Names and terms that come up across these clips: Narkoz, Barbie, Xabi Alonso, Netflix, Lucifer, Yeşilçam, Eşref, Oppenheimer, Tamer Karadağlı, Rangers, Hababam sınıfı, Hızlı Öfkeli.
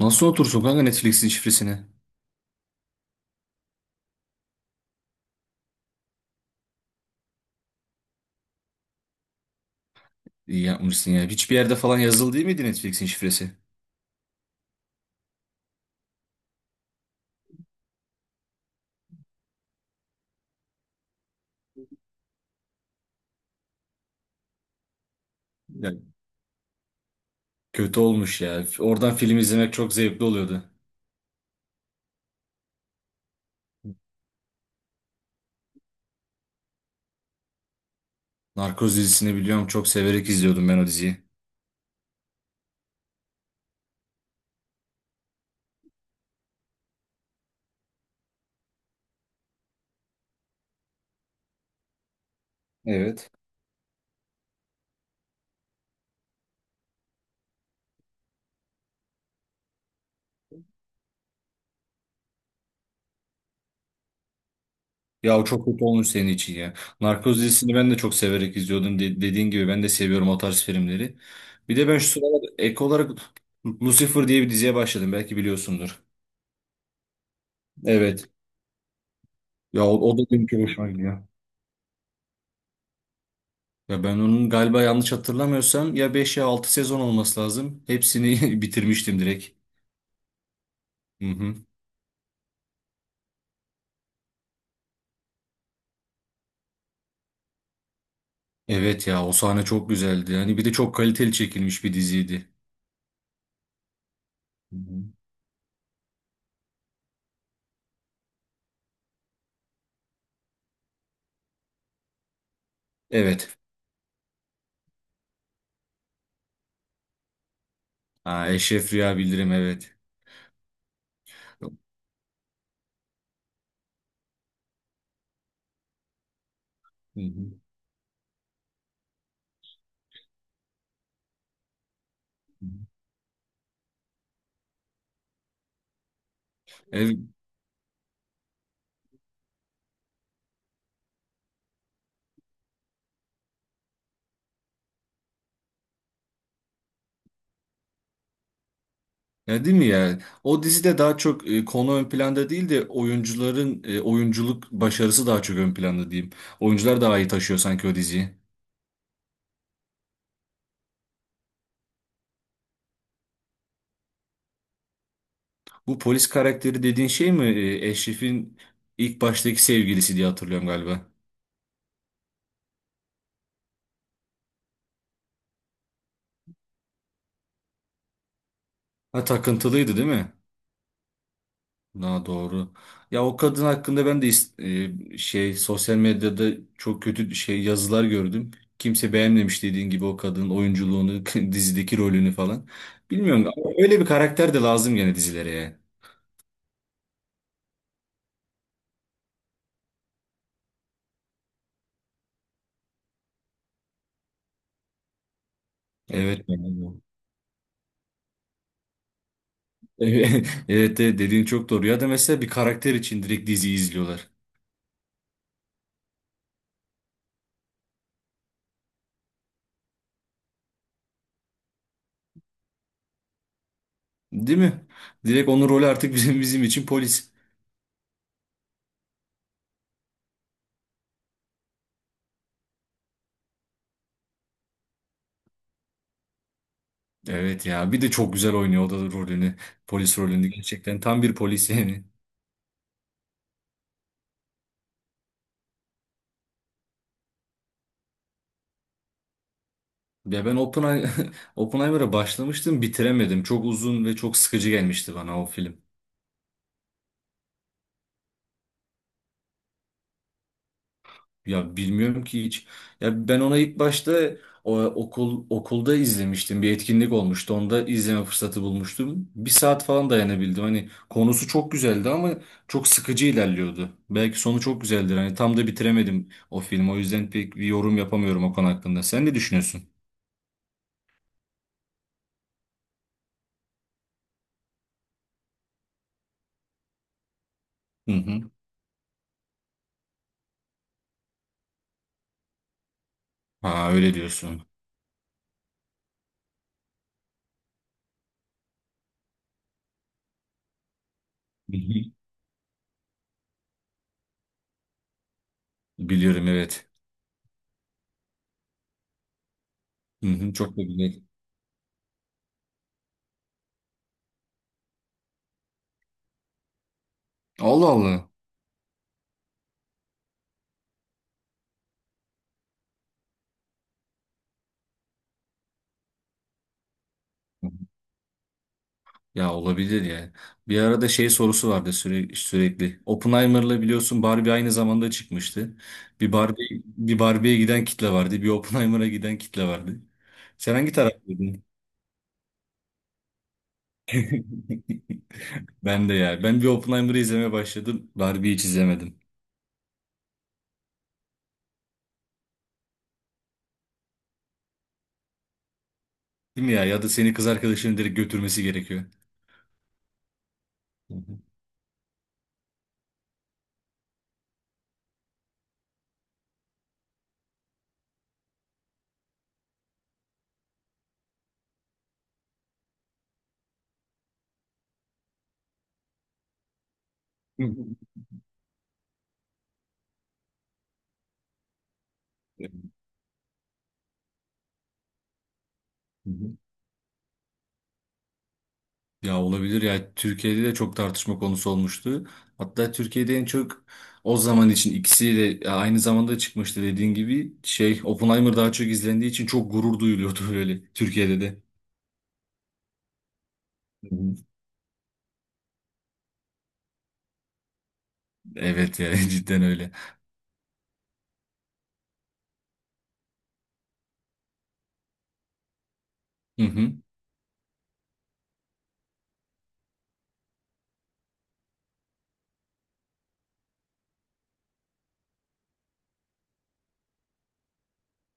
Nasıl otursun kanka Netflix'in şifresini? İyi yapmışsın ya. Hiçbir yerde falan yazılı değil miydi Netflix'in şifresi? Ya, kötü olmuş ya. Oradan film izlemek çok zevkli oluyordu. Narkoz dizisini biliyorum, çok severek izliyordum ben o diziyi. Evet. Ya o çok kötü olmuş senin için ya. Narkoz dizisini ben de çok severek izliyordum. Dediğin gibi ben de seviyorum o tarz filmleri. Bir de ben şu sıralar ek olarak Lucifer diye bir diziye başladım. Belki biliyorsundur. Evet. Ya o da benim çok hoşuma gidiyor. Ya ben onun, galiba yanlış hatırlamıyorsam, ya 5 ya 6 sezon olması lazım. Hepsini bitirmiştim direkt. Hı hı. Evet ya, o sahne çok güzeldi. Yani bir de çok kaliteli çekilmiş bir diziydi. Hı hı. Evet. Ha, Eşref Rüya Bildirim, evet. Hı hı. Hı hı. Evet, ya değil mi ya? O dizide daha çok konu ön planda değil de oyuncuların oyunculuk başarısı daha çok ön planda diyeyim. Oyuncular daha iyi taşıyor sanki o diziyi. Bu polis karakteri dediğin şey mi? Eşref'in ilk baştaki sevgilisi diye hatırlıyorum galiba. Ha, takıntılıydı değil mi? Daha doğru. Ya o kadın hakkında ben de şey, sosyal medyada çok kötü şey yazılar gördüm. Kimse beğenmemiş dediğin gibi o kadının oyunculuğunu, dizideki rolünü falan. Bilmiyorum ama öyle bir karakter de lazım gene dizilere ya. Evet. Yani bu. Evet evet, dediğin çok doğru. Ya da mesela bir karakter için direkt diziyi izliyorlar. Değil mi? Direkt onun rolü artık bizim için polis. Evet ya, bir de çok güzel oynuyor o da rolünü. Polis rolünü gerçekten tam bir polis yani. Ya ben Oppenheimer'a başlamıştım, bitiremedim. Çok uzun ve çok sıkıcı gelmişti bana o film. Ya, bilmiyorum ki hiç. Ya ben ona ilk başta okulda izlemiştim. Bir etkinlik olmuştu. Onda izleme fırsatı bulmuştum. Bir saat falan dayanabildim. Hani konusu çok güzeldi ama çok sıkıcı ilerliyordu. Belki sonu çok güzeldir. Hani tam da bitiremedim o filmi. O yüzden pek bir yorum yapamıyorum o konu hakkında. Sen ne düşünüyorsun? Hı hı. Ha, öyle diyorsun. Hı hı. Biliyorum, evet. Hı hı, çok da güzel. Allah Allah. Ya olabilir ya. Bir arada şey sorusu vardı sürekli. Oppenheimer'la biliyorsun Barbie aynı zamanda çıkmıştı. Bir Barbie'ye giden kitle vardı. Bir Oppenheimer'a giden kitle vardı. Sen hangi taraftaydın? Ben de ya. Ben bir Oppenheimer'ı izlemeye başladım. Barbie'yi hiç izlemedim. Değil mi ya? Ya da seni kız arkadaşının direkt götürmesi gerekiyor. Hı hı. Hı hı. Ya olabilir ya, Türkiye'de de çok tartışma konusu olmuştu. Hatta Türkiye'de en çok o zaman için ikisiyle ya aynı zamanda çıkmıştı, dediğin gibi şey, Oppenheimer daha çok izlendiği için çok gurur duyuluyordu öyle Türkiye'de de. Hı hı. Evet ya, cidden öyle. Hı hı.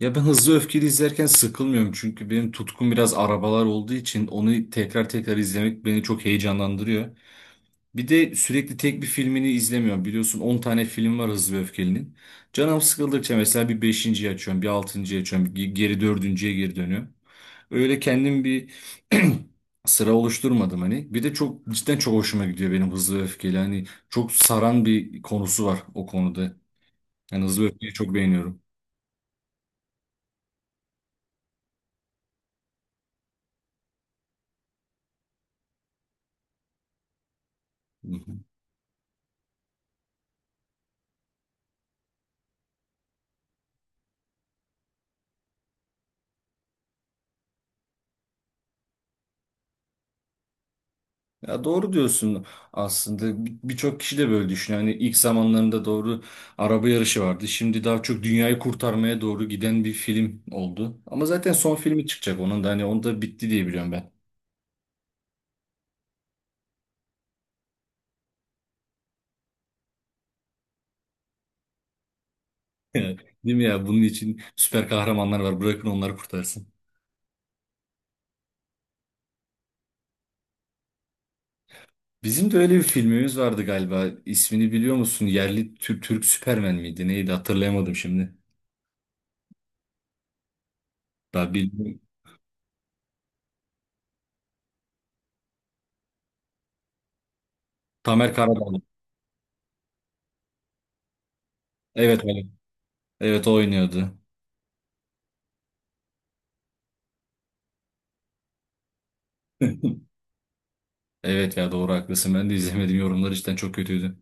Ya ben Hızlı Öfkeli izlerken sıkılmıyorum çünkü benim tutkum biraz arabalar olduğu için onu tekrar tekrar izlemek beni çok heyecanlandırıyor. Bir de sürekli tek bir filmini izlemiyorum. Biliyorsun 10 tane film var Hızlı ve Öfkeli'nin. Canım sıkıldıkça mesela bir 5.'yi açıyorum, bir 6.'yı açıyorum, bir geri dördüncüye geri dönüyorum. Öyle kendim bir sıra oluşturmadım hani. Bir de çok cidden çok hoşuma gidiyor benim Hızlı ve Öfkeli. Hani çok saran bir konusu var o konuda. Yani Hızlı ve Öfkeli'yi çok beğeniyorum. Ya doğru diyorsun aslında. Birçok kişi de böyle düşünüyor. Hani ilk zamanlarında doğru araba yarışı vardı. Şimdi daha çok dünyayı kurtarmaya doğru giden bir film oldu. Ama zaten son filmi çıkacak, onun da hani onda bitti diye biliyorum ben. Değil mi ya? Bunun için süper kahramanlar var. Bırakın onları kurtarsın. Bizim de öyle bir filmimiz vardı galiba. İsmini biliyor musun? Türk Süpermen miydi? Neydi? Hatırlayamadım şimdi. Daha bilmiyorum. Tamer Karadağlı. Evet, evet. Evet o oynuyordu. Evet ya, doğru haklısın. Ben de izlemedim. Yorumlar cidden çok kötüydü.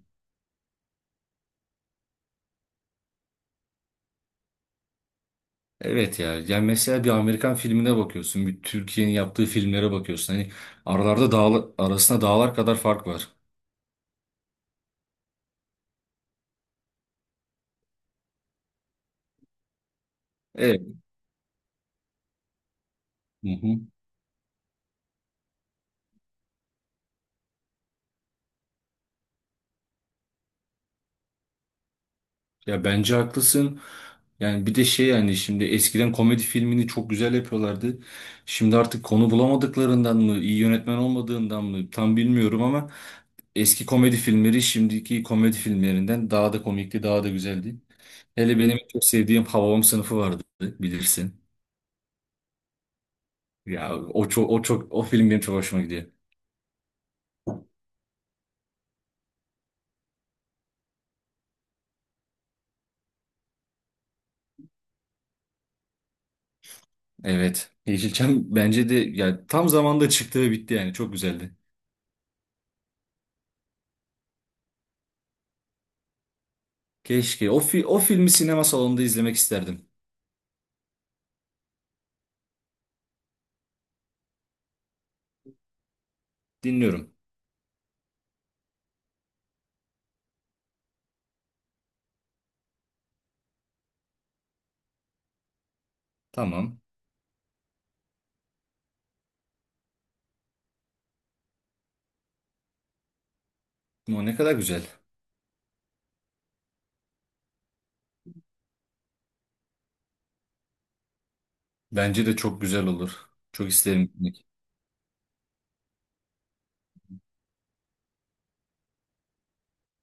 Evet ya. Yani mesela bir Amerikan filmine bakıyorsun. Bir Türkiye'nin yaptığı filmlere bakıyorsun. Hani arasında dağlar kadar fark var. Evet. Hı hı. Ya bence haklısın. Yani bir de şey, yani şimdi eskiden komedi filmini çok güzel yapıyorlardı. Şimdi artık konu bulamadıklarından mı, iyi yönetmen olmadığından mı tam bilmiyorum ama eski komedi filmleri şimdiki komedi filmlerinden daha da komikti, daha da güzeldi. Hele benim çok sevdiğim Hababam Sınıfı vardı, bilirsin. O film benim çok hoşuma gidiyor. Evet. Yeşilçam bence de ya tam zamanda çıktı ve bitti, yani çok güzeldi. Keşke o filmi sinema salonunda izlemek isterdim. Dinliyorum. Tamam. O ne kadar güzel. Bence de çok güzel olur. Çok isterim gitmek.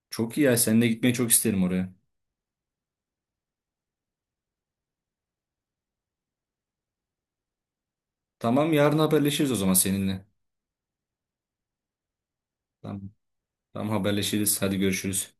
Çok iyi ya, seninle gitmeyi çok isterim oraya. Tamam, yarın haberleşiriz o zaman seninle. Tamam. Tamam, haberleşiriz. Hadi görüşürüz.